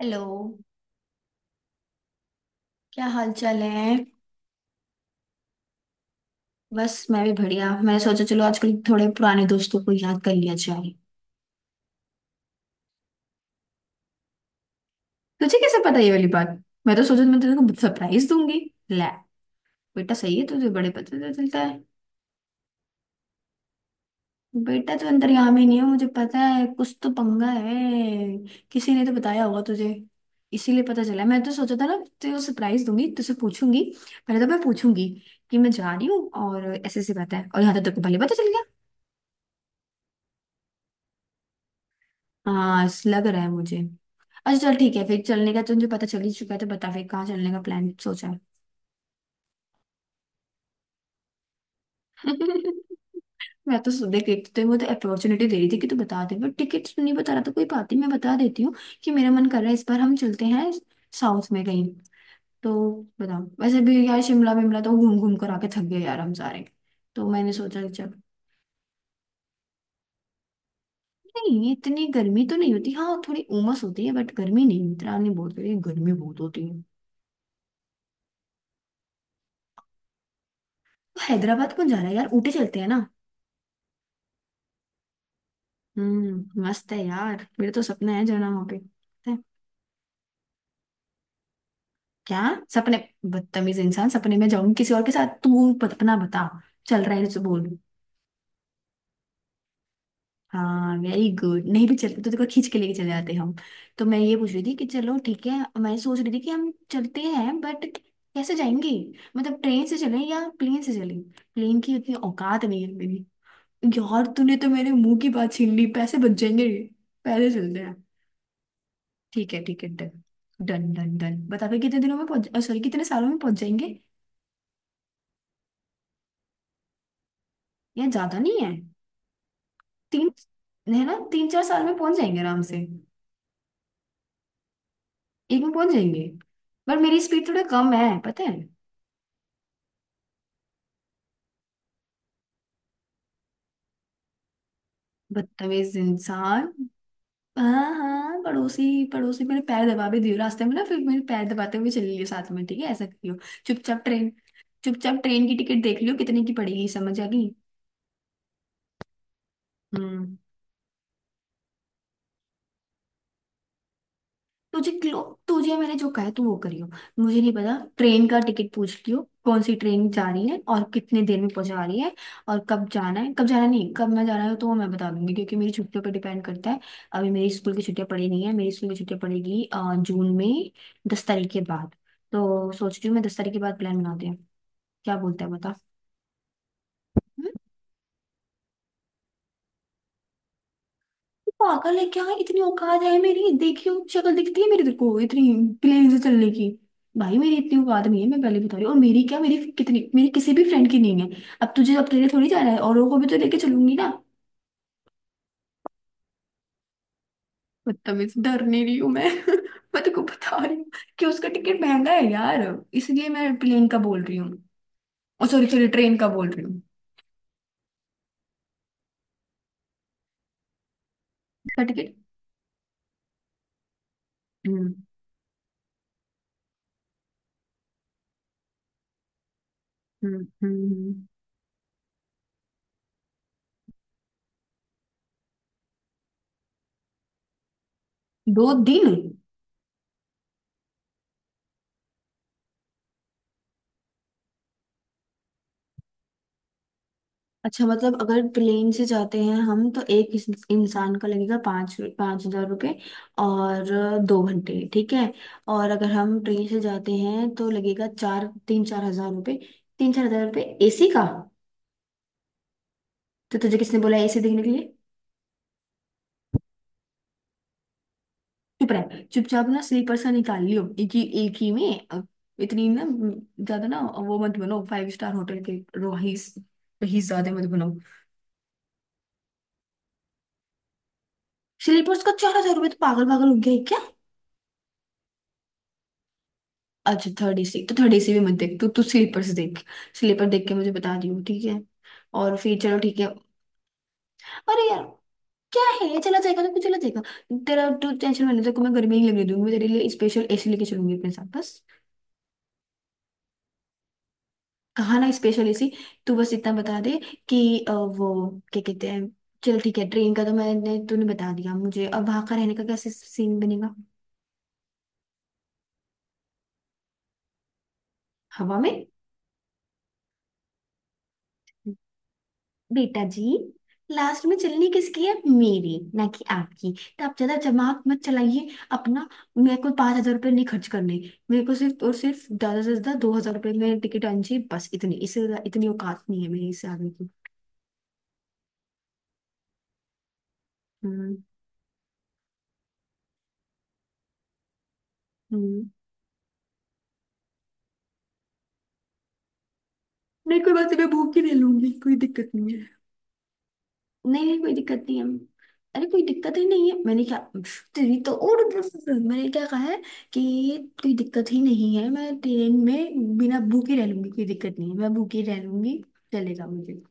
Hello. क्या हाल चाल है? बस मैं भी बढ़िया। मैंने सोचा चलो आजकल थोड़े पुराने दोस्तों को याद कर लिया जाए। तुझे कैसे पता ये वाली बात? मैं तो सोचा मैं तेरे को सरप्राइज दूंगी। ले। बेटा सही है, तुझे बड़े पता तो चलता है। बेटा तो अंतर्यामी ही नहीं है, मुझे पता है कुछ तो पंगा है। किसी ने तो बताया होगा तुझे, इसीलिए पता चला। मैं तो सोचा था ना, तुझे सरप्राइज दूंगी, तुझसे पूछूंगी। पहले तो मैं पूछूंगी कि मैं जा रही हूँ और ऐसे ऐसी बात है, और यहाँ तो तेरे को पहले पता चल गया। हाँ, लग रहा है मुझे। अच्छा चल ठीक है, फिर चलने का तुझे पता चल ही चुका है तो बता फिर कहाँ चलने का प्लान सोचा है। मैं तो सुबह देखती तो वो तो अपॉर्चुनिटी दे रही थी कि तू बता दे, पर टिकट नहीं बता रहा था, कोई बात नहीं मैं बता देती हूँ कि मेरा मन कर रहा है इस बार हम चलते हैं साउथ में कहीं। तो बताओ, वैसे भी यार शिमला विमला तो घूम घूम कर आके थक गए यार हम सारे। तो मैंने सोचा कि चल। नहीं, इतनी गर्मी तो नहीं होती, हाँ थोड़ी उमस होती है, बट गर्मी नहीं, इतना नहीं बोलते गर्मी बहुत होती है। तो हैदराबाद कौन जा रहा है यार, ऊटी चलते हैं ना। हम्म, मस्त है यार, मेरे तो सपना है जाना वहां पे, पता है? क्या? सपने? बदतमीज इंसान, सपने में जाऊं किसी और के साथ! तू अपना बता, चल रहा है तो बोल। हाँ वेरी गुड, नहीं भी चलते तो देखो खींच के लेके चले जाते हम। तो मैं ये पूछ रही थी कि चलो ठीक है, मैं सोच रही थी कि हम चलते हैं, बट कैसे जाएंगे, मतलब ट्रेन से चलें या प्लेन से चलें। प्लेन की उतनी औकात नहीं है मेरी। यार, तूने तो मेरे मुंह की बात छीन ली, पैसे बच जाएंगे। पहले चलते हैं। ठीक है ठीक है, डन। डन डन डन बता फिर कितने दिनों में पहुंच, सॉरी, कितने सालों में पहुंच जाएंगे। या ज्यादा नहीं है? तीन, है ना, तीन चार साल में पहुंच जाएंगे आराम से। एक में पहुंच जाएंगे? पर मेरी स्पीड थोड़ा कम है, पता है। बदतमीज इंसान! हाँ हाँ, पड़ोसी। पड़ोसी मेरे पैर दबा भी दियो रास्ते में ना, फिर मेरे पैर दबाते हुए चली लियो साथ में, ठीक है, ऐसा करियो। चुपचाप ट्रेन, चुपचाप ट्रेन की टिकट देख लियो कितने की पड़ेगी, समझ आ गई? हम्म। तुझे क्लो, तुझे मैंने जो कहा है, तू वो करियो। मुझे नहीं पता, ट्रेन का टिकट पूछ लियो कौन सी ट्रेन जा रही है और कितने देर में पहुंचा रही है। और कब जाना है कब जाना नहीं, कब मैं जाना है तो वो मैं बता दूंगी क्योंकि मेरी छुट्टियों पर डिपेंड करता है। अभी मेरी स्कूल की छुट्टियां पड़ी नहीं है, मेरी स्कूल की छुट्टियां पड़ेगी जून में, 10 तारीख के बाद। तो सोच रही हूँ मैं 10 तारीख के बाद प्लान बनाते हैं। क्या बोलता है बता। पागल है क्या, इतनी औकात है मेरी? देखियो शक्ल दिखती है मेरी तेरे को इतनी, प्लेन से चलने की? भाई मेरी इतनी औकात नहीं है, मैं पहले बता रही हूँ, और मेरी क्या, मेरी कितनी, मेरी किसी भी फ्रेंड की नहीं है। अब तुझे, अब तेरे थोड़ी जाना है, औरों को भी तो लेके चलूंगी ना। बदतमीज, डर नहीं रही हूँ मैं। मैं तेरे को बता रही हूँ कि उसका टिकट महंगा है यार, इसलिए मैं प्लेन का बोल रही हूँ। ओ सॉरी सॉरी, ट्रेन का बोल रही हूँ। उसका टिकट। हम्म, हम्म, 2 दिन। अच्छा, मतलब अगर प्लेन से जाते हैं हम तो एक इंसान का लगेगा 5-5 हजार रुपये और 2 घंटे, ठीक है। और अगर हम ट्रेन से जाते हैं तो लगेगा चार तीन चार हजार रुपये, तीन चार हजार रुपये एसी का। तो तुझे किसने बोला एसी देखने के लिए? चुप रह। चुपचाप ना स्लीपर सा निकाल लियो एक ही में इतनी ना, ज्यादा ना, वो मत बनो फाइव स्टार होटल के रोहिस रहीस, ज्यादा मत बनो। स्लीपर्स का 4,000 रुपये, तो पागल पागल हो गया है क्या? अच्छा थर्ड एसी, तो थर्ड एसी भी मत देख तू, तू स्लीपर से देख। स्लीपर देख के मुझे बता दियो ठीक है, और फिर चलो ठीक है। अरे यार, क्या है, चला जाएगा तो कुछ चला जाएगा, तेरा तू टेंशन। मैंने देखो मैं गर्मी नहीं लगने दूंगी, मैं तेरे लिए स्पेशल एसी लेके चलूंगी अपने साथ बस। कहा ना स्पेशल एसी। तू बस इतना बता दे कि वो क्या कहते हैं। चल ठीक है, ट्रेन का तो मैंने, तूने बता दिया मुझे, अब वहां का रहने का कैसे सीन बनेगा? हवा में? बेटा जी, लास्ट में चलनी किसकी है, मेरी ना कि आपकी, तो आप ज्यादा दिमाग मत चलाइए अपना। मेरे को 5,000 रुपये नहीं खर्च करने, मेरे को सिर्फ और सिर्फ ज्यादा से ज्यादा 2,000 रुपये में टिकट आनी चाहिए बस, इतनी, इतनी औकात नहीं है मेरी इससे आगे की। हम्म, हम्म। नहीं, कोई बात नहीं, मैं भूख ही ले लूंगी, कोई दिक्कत नहीं। नहीं नहीं, कोई दिक्कत नहीं है। अरे कोई दिक्कत ही नहीं है, मैंने क्या, तेरी तो और, मैंने क्या कहा है कि कोई दिक्कत ही नहीं है, मैं ट्रेन में बिना भूखे रह लूंगी, कोई दिक्कत नहीं है, मैं भूखे रह लूंगी, चलेगा मुझे।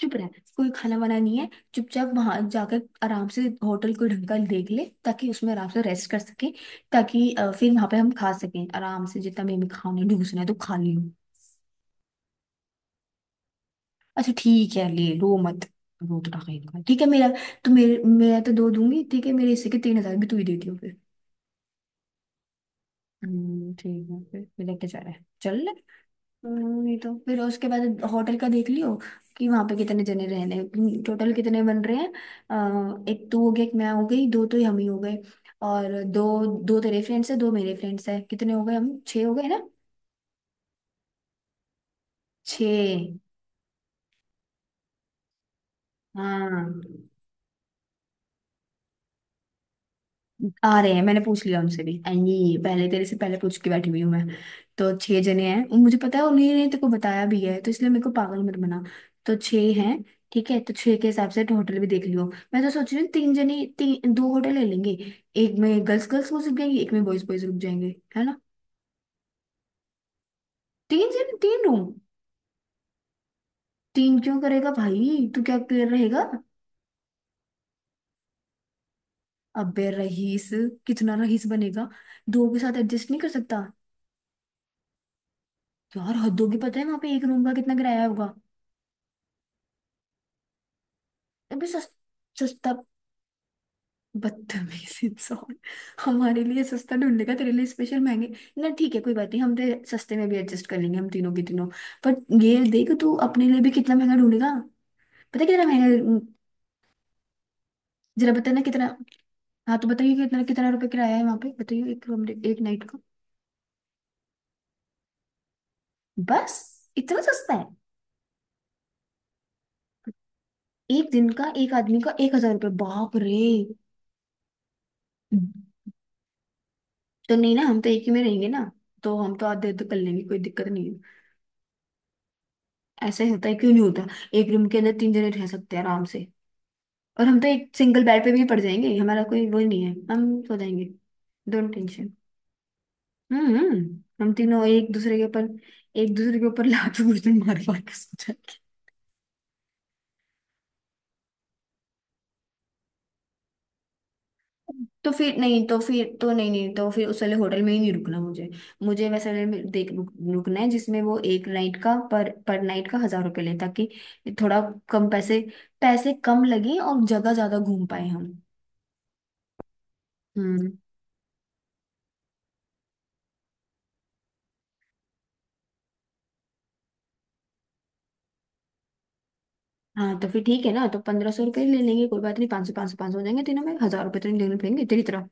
चुप रह, कोई खाना वाना नहीं है। चुपचाप वहां जाकर आराम से होटल कोई ढंग का देख ले ताकि उसमें आराम से रेस्ट कर सके, ताकि फिर वहां पे हम खा सकें आराम से, जितना भी हमें खाना है ढूंसना है तो खा लियो। अच्छा ठीक है, ले, रो मत, रो तो रखेगा, ठीक है मेरा। तो मेरे, मैं तो दो दूंगी, ठीक है, मेरे हिस्से के 3,000 भी तू ही देती हो फिर। ठीक है, फिर लेके जा रहा है, चल ले। ये तो फिर उसके बाद होटल का देख लियो कि वहां पे कितने जने रहने हैं, टोटल कितने बन रहे हैं। एक तू हो गया, एक मैं हो गई, दो तो हम ही हो गए, और दो दो तेरे फ्रेंड्स है, दो मेरे फ्रेंड्स है, कितने हो गए, हम छह हो गए ना। छह, हाँ। आ रहे हैं, मैंने पूछ लिया उनसे भी, एंड ये पहले, तेरे से पहले पूछ के बैठी हुई हूँ मैं। तो छह जने हैं, मुझे पता है उन्हीं ने तेरे को बताया भी है, तो इसलिए मेरे को पागल मत बना। तो छह हैं, ठीक है, तो छह के हिसाब से होटल भी देख लियो। मैं तो सोच रही हूँ तीन जने तीन, दो होटल ले लेंगे। एक में गर्ल्स गर्ल्स रुक जाएंगे, एक में बॉयज बॉयज रुक जाएंगे, है ना। तीन जने तीन रूम। तीन क्यों करेगा भाई? तू क्या, क्लियर रहेगा? अबे रईस, कितना रईस बनेगा, दो के साथ एडजस्ट नहीं कर सकता? यार हद होगी, पता है वहां पे एक रूम का कितना किराया होगा? अबे सस, सस्ता? बदतमीज इंसान, हमारे लिए सस्ता ढूंढेगा, तेरे लिए स्पेशल महंगे। ना ठीक है, कोई बात नहीं, हम तेरे सस्ते में भी एडजस्ट कर लेंगे, हम तीनों के तीनों। पर ये देख, तू अपने लिए भी कितना महंगा ढूंढेगा, पता है कितना महंगा। जरा बता ना कितना। हाँ तो बताइए कितना, कितना रुपए किराया है वहां पे, बताइए एक कमरे एक नाइट का। बस, इतना सस्ता है? एक दिन का एक आदमी का 1,000 रुपये, बाप रे! तो नहीं ना, हम तो एक ही में रहेंगे ना, तो हम तो आधे आधे कर लेंगे, कोई दिक्कत नहीं। ऐसा ही होता है, क्यों नहीं होता? एक रूम के अंदर तीन जने रह सकते हैं आराम से, और हम तो एक सिंगल बेड पे भी पड़ जाएंगे, हमारा कोई वो नहीं है, हम सो जाएंगे। Don't tension. हम्म, हम तीनों एक दूसरे के ऊपर, एक दूसरे के ऊपर लात घुटने मार मार के सो जाएंगे। तो फिर नहीं, तो फिर तो नहीं नहीं, तो फिर उस वाले होटल में ही नहीं रुकना मुझे। मुझे वैसे वाले में देख रुकना है जिसमें वो एक नाइट का, पर नाइट का हजार रुपये ले, ताकि थोड़ा कम पैसे, पैसे कम लगे और जगह ज्यादा घूम पाए हम। हम्म। हाँ तो फिर ठीक है ना, तो 1,500 रुपये ले लेंगे, कोई बात नहीं, पाँच सौ पाँच सौ पाँच सौ हो जाएंगे तीनों में, हजार रुपये तो नहीं देने पड़ेंगे तेरी तरफ।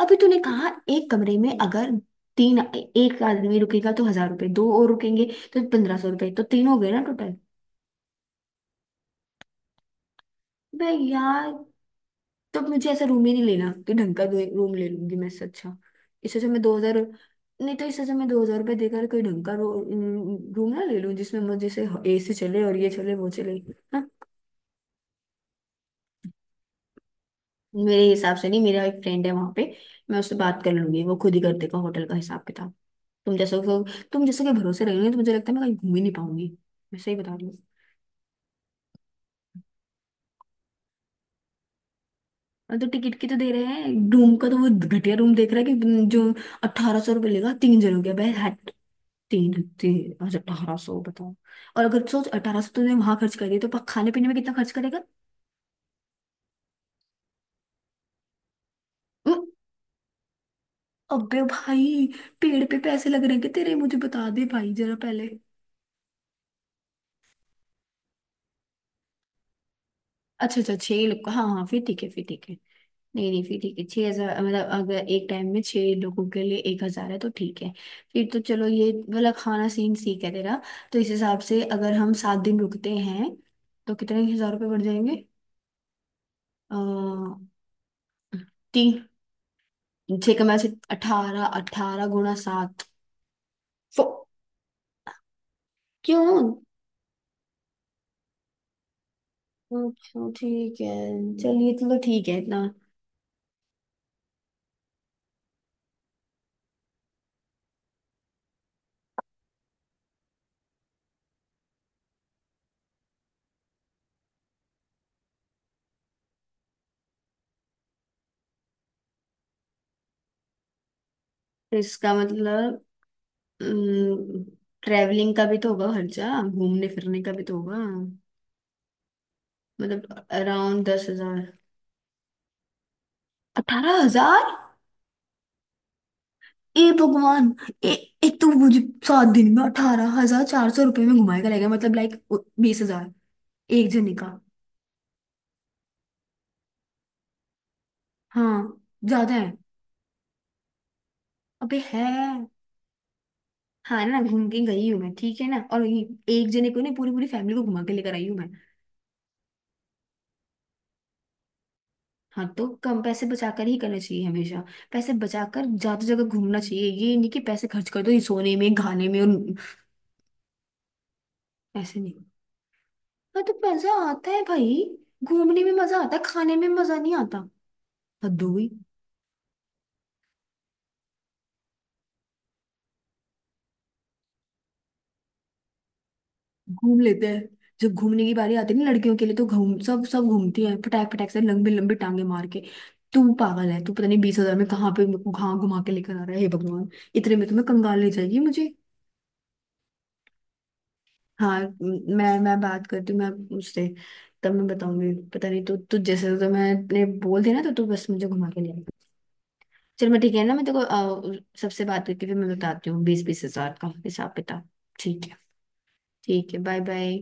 अभी तूने कहा एक कमरे में अगर तीन, एक आदमी रुकेगा तो हजार रुपये, दो और रुकेंगे तो 1,500 रुपये, तो तीन हो गए ना टोटल। भाई यार, तो मुझे ऐसा रूम ही नहीं लेना, कि ढंग का रूम ले लूंगी मैं इससे अच्छा। इससे अच्छा मैं दो हजार, नहीं, तो इससे अच्छा मैं 2,000 रुपये देकर कोई ढंग का रूम ना ले लूँ जिसमें मुझे से एसी चले और ये चले वो चले। मेरे हिसाब से नहीं, मेरा एक फ्रेंड है वहां पे, मैं उससे बात कर लूंगी, वो खुद ही कर देगा होटल का हिसाब किताब। तुम जैसे तुम जैसे के भरोसे रहोगे तो मुझे लगता है मैं कहीं घूम ही नहीं पाऊंगी। मैं सही बता रही हूँ। और तो टिकट की तो दे रहे हैं, रूम का तो वो घटिया रूम देख रहा है कि जो 1,800 रुपये लेगा तीन जनों के, भाई हट! तीन तीन, अच्छा 1,800, बताओ। और अगर सोच 1,800 तो तुमने वहां खर्च कर दिए तो खाने पीने में कितना खर्च करेगा? उम, अबे भाई, पेड़ पे पैसे लग रहे हैं क्या तेरे, मुझे बता दे भाई जरा पहले। अच्छा अच्छा, हाँ हाँ फिर ठीक है, फिर ठीक है। नहीं नहीं, फिर ठीक है, 6,000, मतलब अगर एक टाइम में छह लोगों के लिए एक हजार है तो ठीक है, फिर तो चलो ये वाला खाना सीन सीख है तेरा। तो इस हिसाब से अगर हम 7 दिन रुकते हैं तो कितने हजार रुपये बढ़ जाएंगे? अः, तीन, छह कमा से, अठारह, अठारह गुणा सात, फो क्यों? अच्छा ठीक है, चलिए चलो ठीक है इतना। तो इसका मतलब ट्रैवलिंग का भी तो होगा खर्चा, घूमने फिरने का भी तो होगा। मतलब अराउंड 10,000, 18,000। ए भगवान! ए, एक तो मुझे 7 दिन में 18,400 रुपये में घुमाएगा, लेगा मतलब, लाइक 20,000 एक जने का? हाँ, ज्यादा है, अबे है। हाँ ना, घूम के गई हूँ मैं, ठीक है ना, और ये एक जने को नहीं, पूरी पूरी फैमिली को घुमा के लेकर आई हूँ मैं। हाँ तो कम पैसे बचाकर ही करना चाहिए हमेशा, पैसे बचाकर ज्यादा जगह घूमना चाहिए, ये नहीं कि पैसे खर्च कर दो ये सोने में खाने में और। ऐसे नहीं, हाँ तो मजा आता है भाई, घूमने में मजा आता है, खाने में मजा नहीं आता, हद हो गई। घूम लेते हैं, जब घूमने की बारी आती है ना लड़कियों के लिए तो घूम, सब सब घूमती हैं फटाक फटाक से लंबी लंबी टांगे मार के। तू पागल है, तू पता नहीं 20,000 में कहाँ पे, मेरे को कहाँ घुमा के लेकर आ रहा है, हे भगवान! इतने में तो मैं, कंगाल ले जाएगी मुझे। हाँ मैं बात करती हूँ मैं उससे, तब मैं बताऊंगी। पता नहीं, तू तू जैसे तो मैंने बोल दिया ना, तो तू बस मुझे घुमा के ले आई। चल मैं ठीक है ना, मैं तेको सबसे बात करके फिर मैं बताती हूँ बीस बीस हजार का हिसाब किताब। ठीक है, ठीक है बाय बाय।